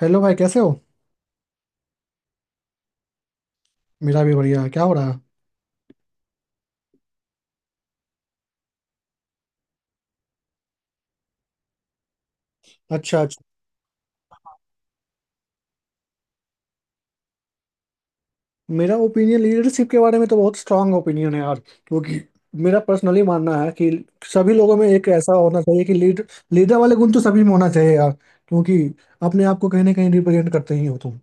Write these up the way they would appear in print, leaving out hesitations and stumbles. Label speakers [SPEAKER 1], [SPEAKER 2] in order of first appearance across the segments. [SPEAKER 1] Hello भाई, कैसे हो? मेरा भी बढ़िया है। क्या हो रहा है? अच्छा अच्छा। मेरा ओपिनियन, लीडरशिप के बारे में तो बहुत स्ट्रांग ओपिनियन है यार। क्योंकि मेरा पर्सनली मानना है कि सभी लोगों में एक ऐसा होना चाहिए कि लीडर वाले गुण तो सभी में होना चाहिए यार। क्योंकि अपने आप को कहीं ना कहीं रिप्रेजेंट करते ही हो तुम।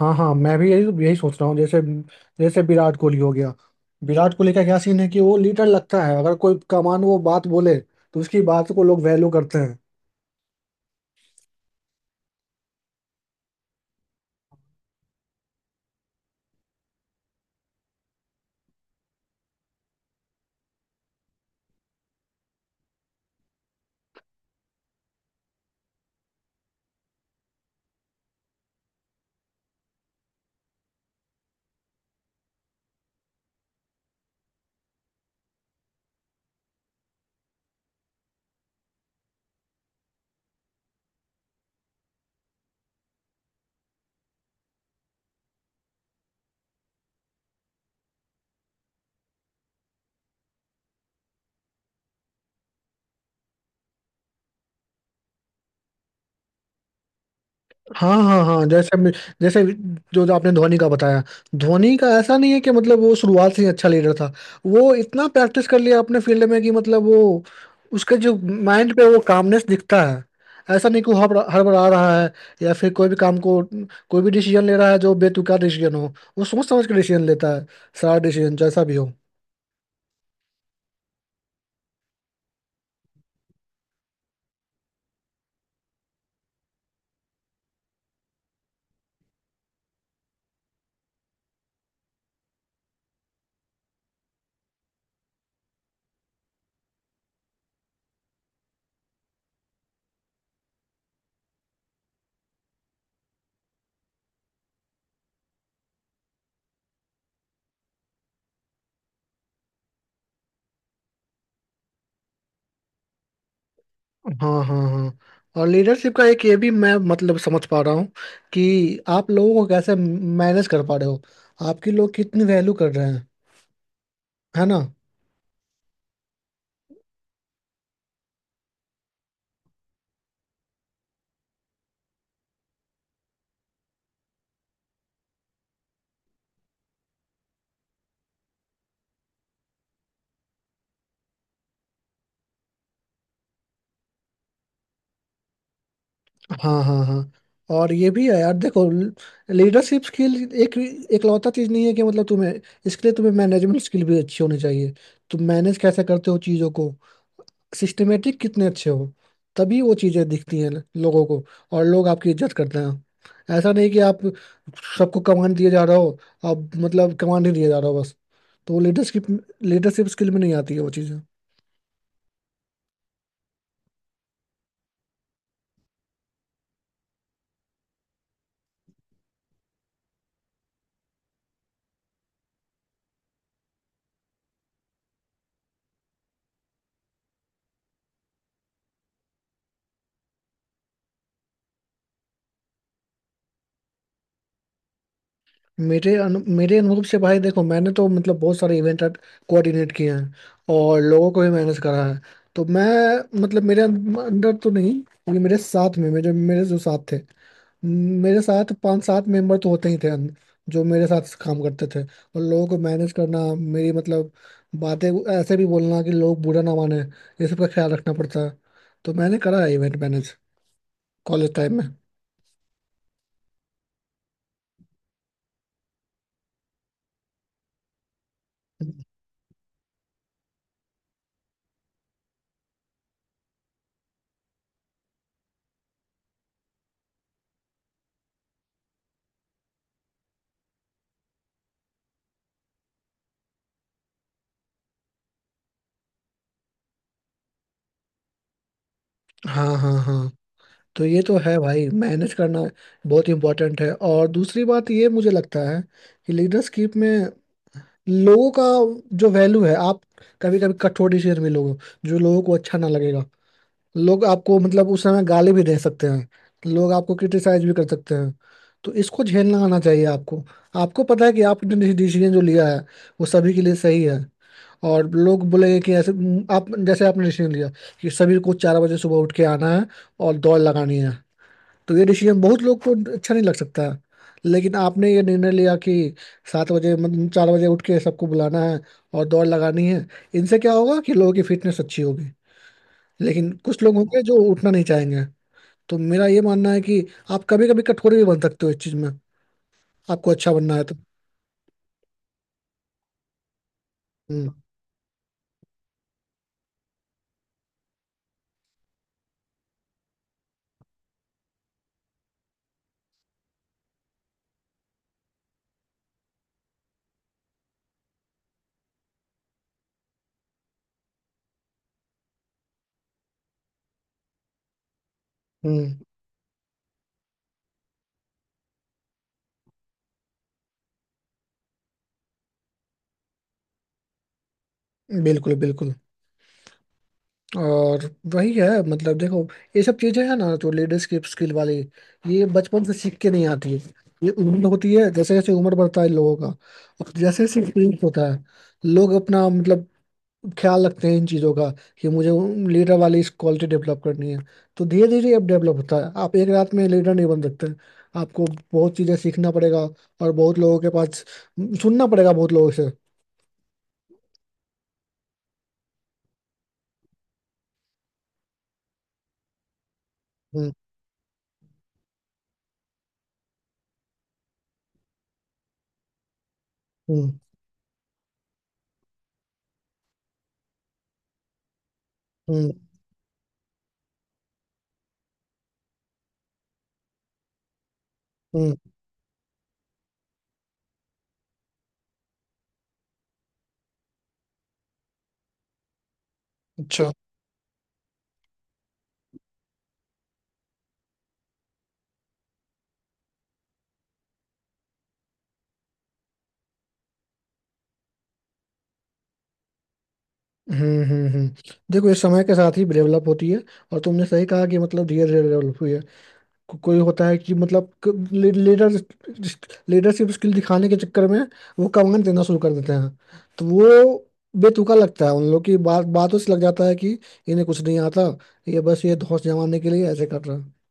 [SPEAKER 1] हाँ हाँ, मैं भी यही यही सोच रहा हूँ। जैसे जैसे विराट कोहली हो गया। विराट कोहली का क्या सीन है कि वो लीडर लगता है, अगर कोई कमान वो बात बोले तो उसकी बात को लोग वैल्यू करते हैं। हाँ हाँ हाँ। जैसे जो जो आपने धोनी का बताया। धोनी का ऐसा नहीं है कि मतलब वो शुरुआत से ही अच्छा लीडर था। वो इतना प्रैक्टिस कर लिया अपने फील्ड में कि मतलब वो, उसके जो माइंड पे वो कामनेस दिखता है। ऐसा नहीं कि वो हड़बड़ा रहा है या फिर कोई भी काम को, कोई भी डिसीजन ले रहा है जो बेतुका डिसीजन हो, वो सोच समझ के डिसीजन लेता है। सारा डिसीजन जैसा भी हो। हाँ हाँ हाँ। और लीडरशिप का एक ये भी मैं मतलब समझ पा रहा हूँ, कि आप लोगों को कैसे मैनेज कर पा रहे हो, आपकी लोग कितनी वैल्यू कर रहे हैं, है ना? हाँ हाँ हाँ। और ये भी है यार, देखो, लीडरशिप स्किल एक एकलौता चीज नहीं है कि मतलब तुम्हें, इसके लिए तुम्हें मैनेजमेंट स्किल भी अच्छी होनी चाहिए। तुम मैनेज कैसे करते हो चीजों को, सिस्टमेटिक कितने अच्छे हो, तभी वो चीज़ें दिखती हैं लोगों को। और लोग आपकी इज्जत करते हैं, ऐसा नहीं कि आप सबको कमांड दिए जा रहे हो, आप मतलब कमांड ही दिए जा रहे हो बस, तो वो लीडरशिप, लीडरशिप स्किल में नहीं आती है वो चीज़ें। मेरे अनुभव से भाई देखो, मैंने तो मतलब बहुत सारे इवेंट कोऑर्डिनेट किए हैं और लोगों को भी मैनेज करा है। तो मैं मतलब, मेरे अंदर तो नहीं, ये मेरे साथ में मेरे मेरे जो साथ थे, मेरे साथ पांच सात मेंबर तो होते ही थे, जो मेरे साथ काम करते थे, और लोगों को मैनेज करना, मेरी मतलब बातें ऐसे भी बोलना कि लोग बुरा ना माने, ये सब का ख्याल रखना पड़ता है। तो मैंने करा है इवेंट मैनेज, कॉलेज टाइम में। हाँ हाँ हाँ, तो ये तो है भाई, मैनेज करना बहुत इम्पोर्टेंट है। और दूसरी बात ये मुझे लगता है कि लीडरशिप में लोगों का जो वैल्यू है, आप कभी कभी कठोर डिसीजन भी लोगे जो लोगों को अच्छा ना लगेगा। लोग आपको मतलब उस समय गाली भी दे सकते हैं, लोग आपको क्रिटिसाइज भी कर सकते हैं, तो इसको झेलना आना चाहिए आपको। आपको पता है कि आपने डिसीजन जो लिया है वो सभी के लिए सही है। और लोग बोलेंगे कि आप जैसे आपने डिसीजन लिया कि सभी को 4 बजे सुबह उठ के आना है और दौड़ लगानी है। तो ये डिसीजन बहुत लोग को अच्छा नहीं लग सकता है, लेकिन आपने ये निर्णय लिया कि 7 बजे मतलब 4 बजे उठ के सबको बुलाना है और दौड़ लगानी है। इनसे क्या होगा कि लोगों की फिटनेस अच्छी होगी, लेकिन कुछ लोग होंगे जो उठना नहीं चाहेंगे। तो मेरा ये मानना है कि आप कभी कभी कठोर भी बन सकते हो इस चीज में, आपको अच्छा बनना है तो। हम्म। हम्म, बिल्कुल बिल्कुल। और वही है मतलब, देखो, ये सब चीजें हैं ना जो लीडरशिप स्किल वाली, ये बचपन से सीख के नहीं आती है। ये उम्र होती है, जैसे जैसे उम्र बढ़ता है लोगों का, और जैसे जैसे एक्सपीरियंस होता है, लोग अपना मतलब ख्याल रखते हैं इन चीज़ों का, कि मुझे लीडर वाली इस क्वालिटी डेवलप करनी है। तो धीरे धीरे आप डेवलप होता है, आप एक रात में लीडर नहीं बन सकते, आपको बहुत चीज़ें सीखना पड़ेगा और बहुत लोगों के पास सुनना पड़ेगा, बहुत लोगों से। हम्म हम्म हम्म हम्म, अच्छा। हम्म, देखो ये समय के साथ ही डेवलप होती है। और तुमने सही कहा कि मतलब धीरे धीरे डेवलप हुई है। कोई होता है कि मतलब, लीडर लीडरशिप स्किल दिखाने के चक्कर में वो कमांड देना शुरू कर देते हैं। तो वो बेतुका लगता है, उन लोग की बातों से लग जाता है कि इन्हें कुछ नहीं आता, ये बस ये धौंस जमाने के लिए ऐसे कर रहा है।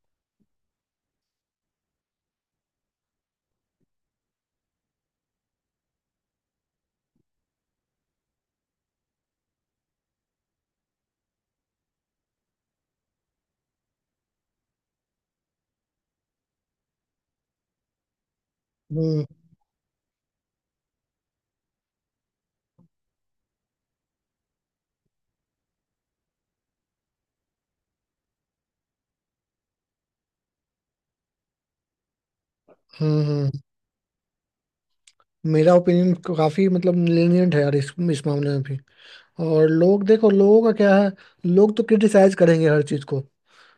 [SPEAKER 1] हम्म हम्म हम्म। मेरा ओपिनियन काफी मतलब lenient है यार, इस मामले में भी। और लोग, देखो लोगों का क्या है, लोग तो क्रिटिसाइज करेंगे हर चीज को,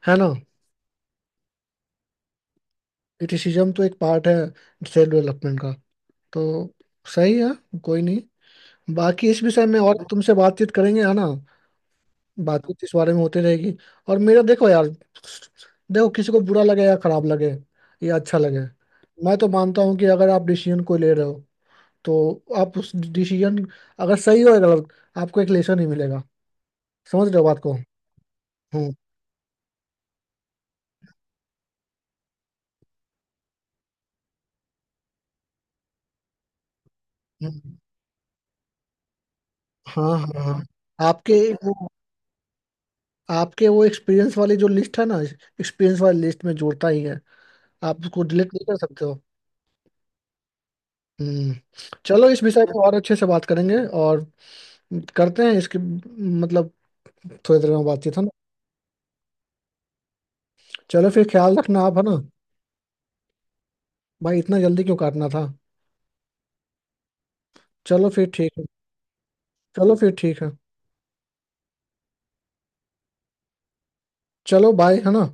[SPEAKER 1] है ना? क्रिटिसिज्म तो एक पार्ट है सेल्फ डेवलपमेंट का। तो सही है, कोई नहीं, बाकी इस विषय में और तुमसे बातचीत करेंगे, है ना? बातचीत इस बारे में होती रहेगी। और मेरा, देखो यार, देखो, किसी को बुरा लगे या खराब लगे या अच्छा लगे, मैं तो मानता हूँ कि अगर आप डिसीजन कोई ले रहे हो, तो आप उस डिसीजन अगर सही हो या गलत, आपको एक लेसन ही मिलेगा। समझ रहे हो बात को? हम्म हम्म, हाँ हाँ हाँ। आपके वो आपके वो एक्सपीरियंस वाली जो लिस्ट है ना, एक्सपीरियंस वाली लिस्ट में जोड़ता ही है, आप उसको डिलीट नहीं कर सकते हो। हम्म। चलो इस विषय पर और अच्छे से बात करेंगे, और करते हैं इसके मतलब थोड़ी देर में बातचीत, है ना? चलो फिर, ख्याल रखना आप, है ना? भाई इतना जल्दी क्यों काटना था? चलो फिर ठीक है, चलो फिर ठीक है, चलो बाय, है ना?